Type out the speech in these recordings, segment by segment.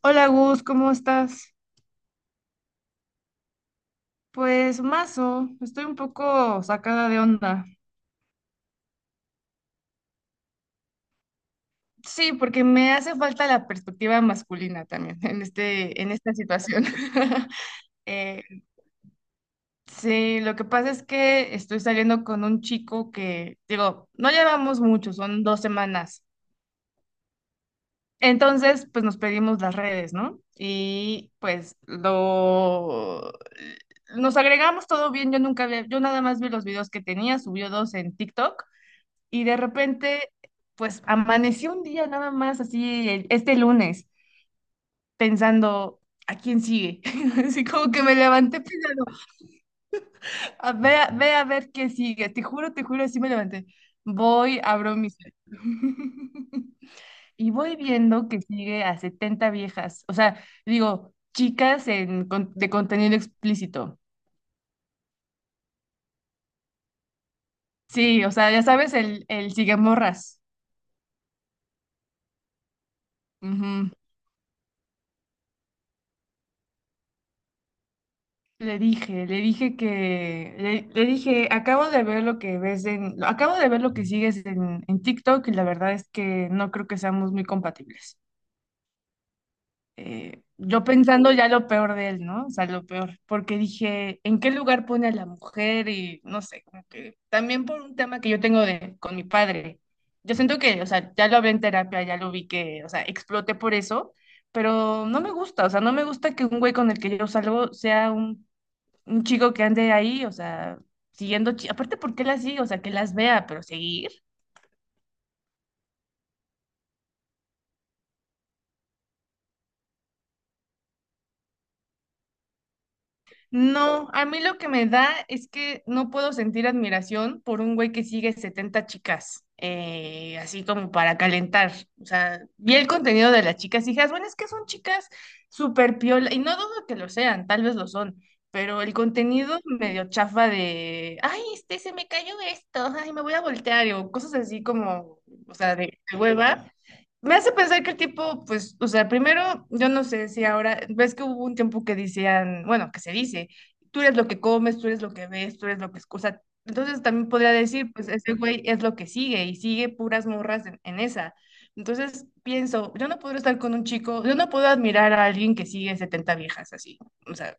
Hola Gus, ¿cómo estás? Pues mazo, estoy un poco sacada de onda. Sí, porque me hace falta la perspectiva masculina también en esta situación. Eh, sí, lo que pasa es que estoy saliendo con un chico que, digo, no llevamos mucho, son dos semanas. Entonces, pues nos pedimos las redes, ¿no? Y pues lo... Nos agregamos todo bien, yo nunca había- yo nada más vi los videos que tenía, subió dos en TikTok. Y de repente, pues amaneció un día nada más, así, este lunes, pensando, ¿a quién sigue? Así como que me levanté pensando, a ver qué sigue. Te juro, así me levanté. Voy, abro mi cel. Y voy viendo que sigue a 70 viejas. O sea, digo, de contenido explícito. Sí, o sea, ya sabes, el sigue morras. Le dije, acabo de ver lo que sigues en TikTok y la verdad es que no creo que seamos muy compatibles. Yo pensando ya lo peor de él, ¿no? O sea, lo peor, porque dije, ¿en qué lugar pone a la mujer? Y no sé, como que también por un tema que yo tengo de, con mi padre. Yo siento que, o sea, ya lo hablé en terapia, ya lo vi que, o sea, exploté por eso, pero no me gusta, o sea, no me gusta que un güey con el que yo salgo sea un chico que ande ahí, o sea, siguiendo, aparte, ¿por qué las sigue? O sea, que las vea, pero seguir. No, a mí lo que me da es que no puedo sentir admiración por un güey que sigue 70 chicas, así como para calentar. O sea, vi el contenido de las chicas y dije, "Ah, bueno, es que son chicas súper piola", y no dudo que lo sean, tal vez lo son, pero el contenido medio chafa de, ay, este, se me cayó esto, ay, me voy a voltear, o cosas así como, o sea, de hueva. Me hace pensar que el tipo, pues, o sea, primero, yo no sé si ahora, ves que hubo un tiempo que decían, bueno, que se dice, tú eres lo que comes, tú eres lo que ves, tú eres lo que escuchas. Entonces también podría decir, pues, ese güey es lo que sigue y sigue puras morras en esa. Entonces pienso, yo no puedo estar con un chico, yo no puedo admirar a alguien que sigue 70 viejas así. O sea,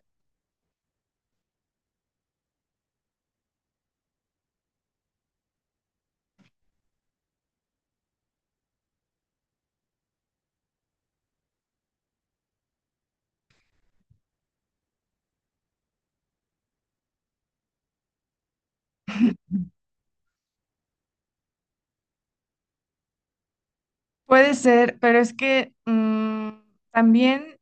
puede ser, pero es que también.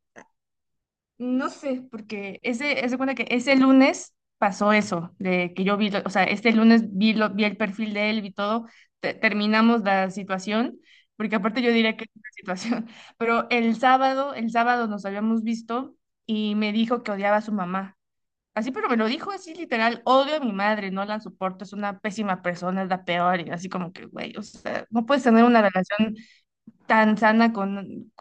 No sé, porque ese, haz de cuenta que ese lunes pasó eso, de que yo vi, o sea, este lunes vi, lo, vi el perfil de él, vi todo, terminamos la situación, porque aparte yo diría que es una situación, pero el sábado nos habíamos visto y me dijo que odiaba a su mamá. Así, pero me lo dijo así literal, odio a mi madre, no la soporto, es una pésima persona, es la peor, y así como que, güey, o sea, no puedes tener una relación tan sana con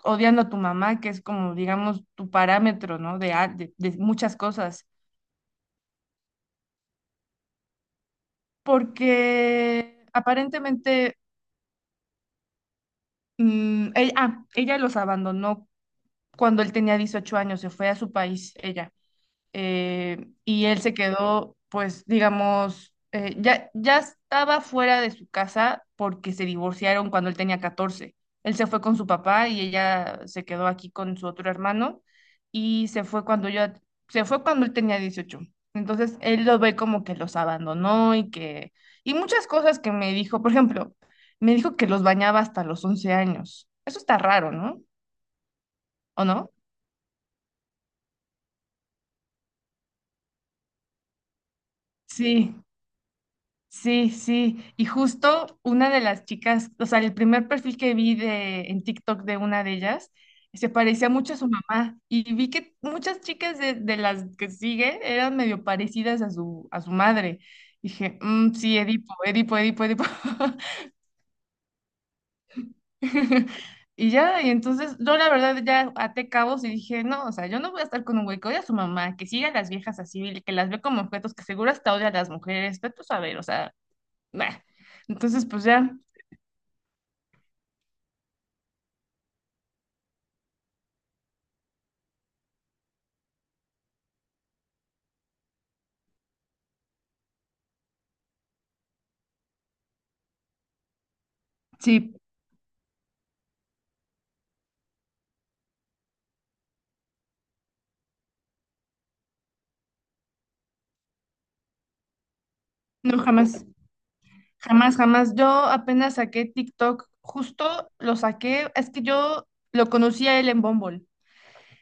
odiando a tu mamá, que es como, digamos, tu parámetro, ¿no? De de muchas cosas. Porque aparentemente ella, ella los abandonó cuando él tenía 18 años, se fue a su país, ella. Y él se quedó, pues, digamos, ya estaba fuera de su casa porque se divorciaron cuando él tenía catorce. Él se fue con su papá y ella se quedó aquí con su otro hermano y se fue cuando yo, se fue cuando él tenía dieciocho. Entonces él lo ve como que los abandonó y que, y muchas cosas que me dijo, por ejemplo, me dijo que los bañaba hasta los 11 años. Eso está raro, ¿no? ¿O no? Sí. Sí, sí, y justo una de las chicas, o sea, el primer perfil que vi en TikTok de una de ellas, se parecía mucho a su mamá y vi que muchas chicas de las que sigue eran medio parecidas a a su madre. Dije, "Mm, sí, Edipo, Edipo, Edipo, Edipo". Y ya, y entonces yo la verdad ya até cabos y dije, no, o sea, yo no voy a estar con un güey que odia a su mamá, que sigue a las viejas así, que las ve como objetos, que seguro hasta odia a las mujeres, pero tú sabes, o sea, nah. Entonces, pues ya. Sí, no, jamás, jamás, jamás. Yo apenas saqué TikTok, justo lo saqué, es que yo lo conocí a él en Bumble.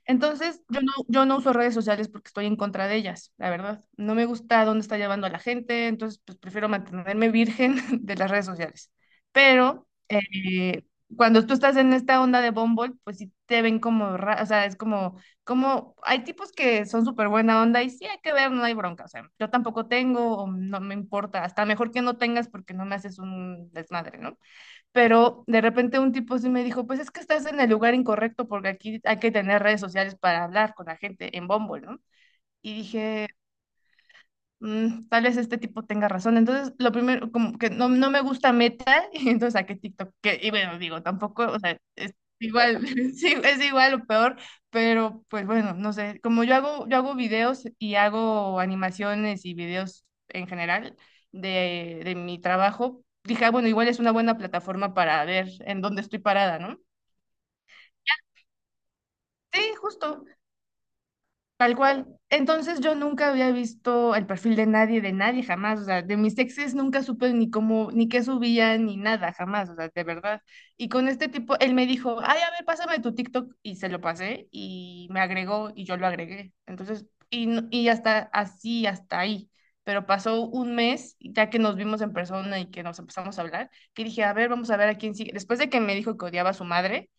Entonces, yo no uso redes sociales porque estoy en contra de ellas, la verdad. No me gusta dónde está llevando a la gente, entonces pues prefiero mantenerme virgen de las redes sociales. Pero cuando tú estás en esta onda de Bumble, pues sí te ven como, o sea, es como, como, hay tipos que son súper buena onda y sí hay que ver, no hay bronca, o sea, yo tampoco tengo, o no me importa, hasta mejor que no tengas porque no me haces un desmadre, ¿no? Pero de repente un tipo sí me dijo, pues es que estás en el lugar incorrecto porque aquí hay que tener redes sociales para hablar con la gente en Bumble, ¿no? Y dije, tal vez este tipo tenga razón. Entonces, lo primero, como que no, no me gusta Meta, y entonces saqué TikTok, que, y bueno, digo, tampoco, o sea, es igual, sí, es igual o peor, pero pues bueno, no sé, como yo hago videos y hago animaciones y videos en general de mi trabajo, dije, "Ah, bueno, igual es una buena plataforma para ver en dónde estoy parada, ¿no?" Sí, justo. Tal cual. Entonces yo nunca había visto el perfil de nadie jamás. O sea, de mis exes nunca supe ni cómo, ni qué subían, ni nada, jamás. O sea, de verdad. Y con este tipo, él me dijo, ay, a ver, pásame tu TikTok. Y se lo pasé y me agregó y yo lo agregué. Entonces, y, no- y hasta así, hasta ahí. Pero pasó un mes, ya que nos vimos en persona y que nos empezamos a hablar, que dije, a ver, vamos a ver a quién sigue. Después de que me dijo que odiaba a su madre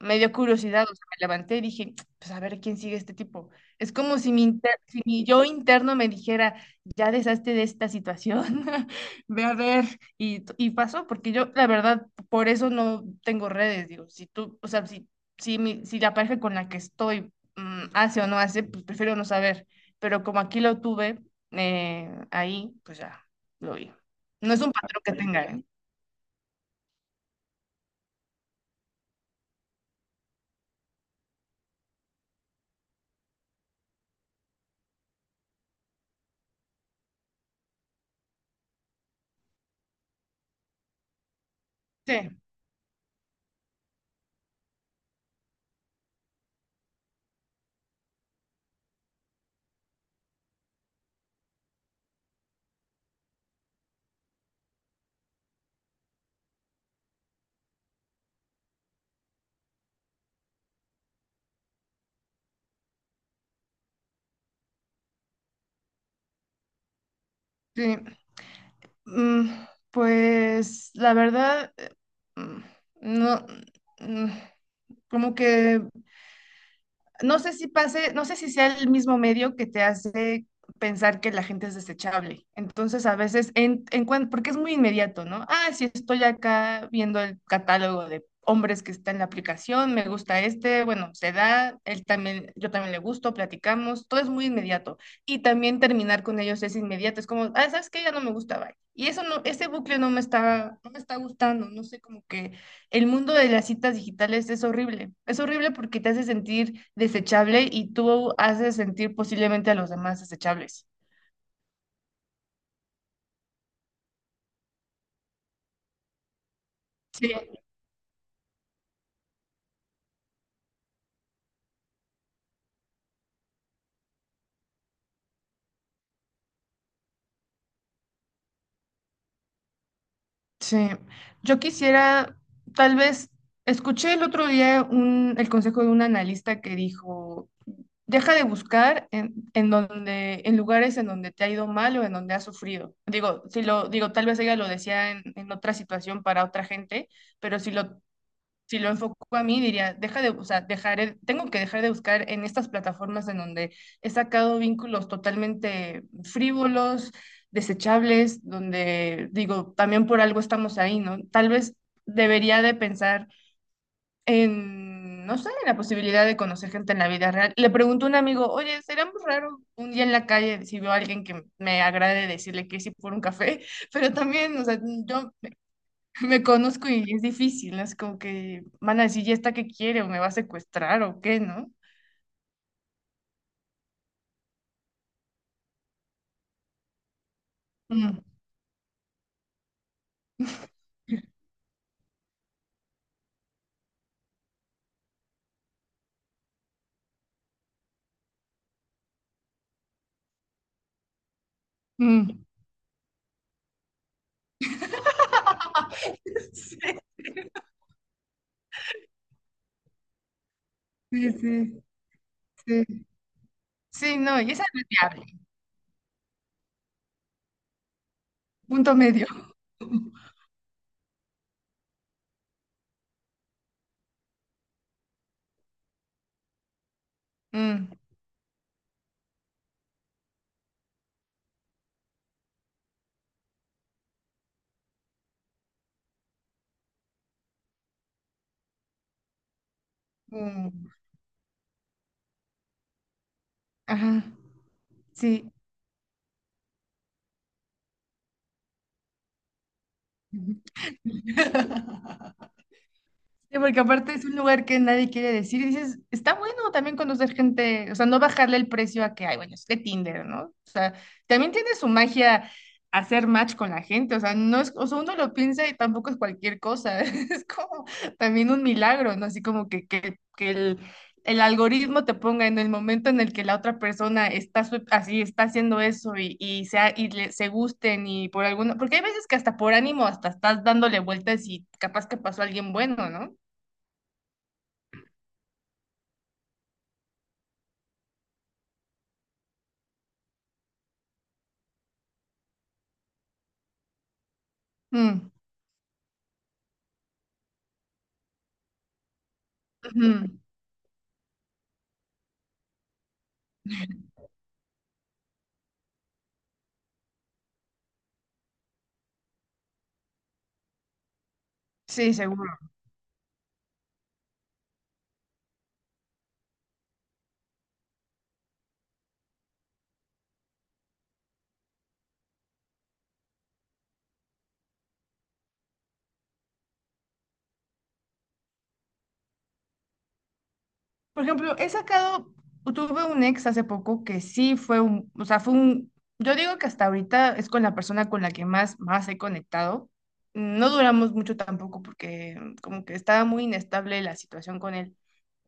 me dio curiosidad, o sea, me levanté y dije, pues a ver quién sigue este tipo. Es como si si mi yo interno me dijera, ya deshazte de esta situación, ve a ver, y, y pasó, porque yo, la verdad, por eso no tengo redes, digo, si tú, o sea, si la pareja con la que estoy hace o no hace, pues prefiero no saber, pero como aquí lo tuve, ahí, pues ya, lo vi. No es un patrón que tenga, ¿eh? Sí, sí. Mm, pues la verdad, mm, no, mm, como que no sé si pase, no sé si sea el mismo medio que te hace pensar que la gente es desechable. Entonces, a veces, porque es muy inmediato, ¿no? Ah, si estoy acá viendo el catálogo de hombres que está en la aplicación, me gusta este, bueno, se da, él también, yo también le gusto, platicamos, todo es muy inmediato. Y también terminar con ellos es inmediato, es como, ah, ¿sabes qué? Ya no me gusta, bye. Y eso no, ese bucle no me está gustando, no sé, como que el mundo de las citas digitales es horrible. Es horrible porque te hace sentir desechable y tú haces sentir posiblemente a los demás desechables. Sí, sí. Yo quisiera, tal vez, escuché el otro día un, el consejo de un analista que dijo, deja de buscar en donde, en lugares en donde te ha ido mal o en donde has sufrido. Digo, si lo, digo, tal vez ella lo decía en otra situación para otra gente, pero si lo enfoco a mí, diría, deja de, o sea, dejaré, tengo que dejar de buscar en estas plataformas en donde he sacado vínculos totalmente frívolos, desechables, donde digo, también por algo estamos ahí, ¿no? Tal vez debería de pensar en, no sé, en la posibilidad de conocer gente en la vida real. Le pregunto a un amigo, oye, ¿sería muy raro un día en la calle si veo a alguien que me agrade decirle que sí por un café? Pero también, o sea, yo me conozco y es difícil, ¿no? Es como que van a decir, ¿y esta qué quiere? ¿O me va a secuestrar o qué, no? Mm, mm. Sí, sí, sí. Sí, sí, no, y esa no es viable. Punto medio. Mm, mm, ajá, sí. Sí, porque aparte es un lugar que nadie quiere decir. Y dices, está bueno también conocer gente, o sea, no bajarle el precio a que, ay, bueno, es de Tinder, ¿no? O sea, también tiene su magia hacer match con la gente, o sea, no es, o sea, uno lo piensa y tampoco es cualquier cosa, es como también un milagro, ¿no? Así como que, que el algoritmo te ponga en el momento en el que la otra persona está así, está haciendo eso sea, se gusten y por alguna, porque hay veces que hasta por ánimo, hasta estás dándole vueltas y capaz que pasó alguien bueno, ¿no? Mm, ujú. Sí, seguro. Por ejemplo, he sacado, tuve un ex hace poco que sí fue un, o sea, fue un, yo digo que hasta ahorita es con la persona con la que más, más he conectado. No duramos mucho tampoco porque como que estaba muy inestable la situación con él,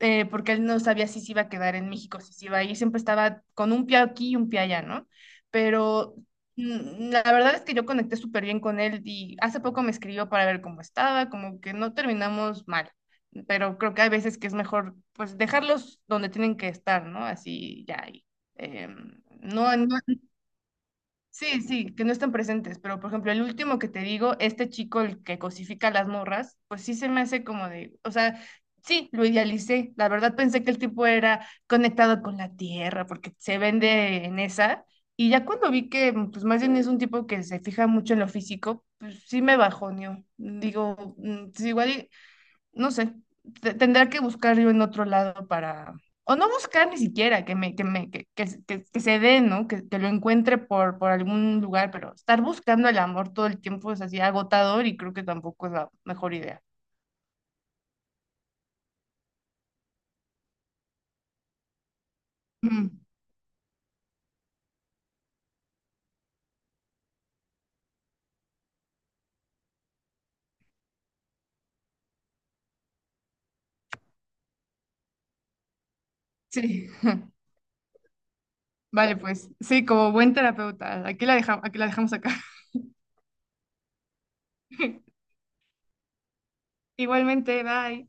porque él no sabía si se iba a quedar en México, si se iba a ir, siempre estaba con un pie aquí y un pie allá, ¿no? Pero la verdad es que yo conecté súper bien con él y hace poco me escribió para ver cómo estaba, como que no terminamos mal. Pero creo que hay veces que es mejor pues dejarlos donde tienen que estar, ¿no? Así ya. Em, no, no- sí, sí, que no estén presentes, pero por ejemplo, el último que te digo, este chico el que cosifica a las morras, pues sí se me hace como de, o sea, sí, lo idealicé. La verdad pensé que el tipo era conectado con la tierra porque se vende en esa. Y ya cuando vi que pues más bien es un tipo que se fija mucho en lo físico, pues sí me bajoneó. Digo, pues, igual no sé, tendrá que buscar yo en otro lado para, o no buscar ni siquiera, que me, que me, que se dé, ¿no? Que lo encuentre por algún lugar, pero estar buscando el amor todo el tiempo es así agotador y creo que tampoco es la mejor idea. Ujú, sí. Vale, pues sí, como buen terapeuta, aquí la dejamos acá. Igualmente, bye.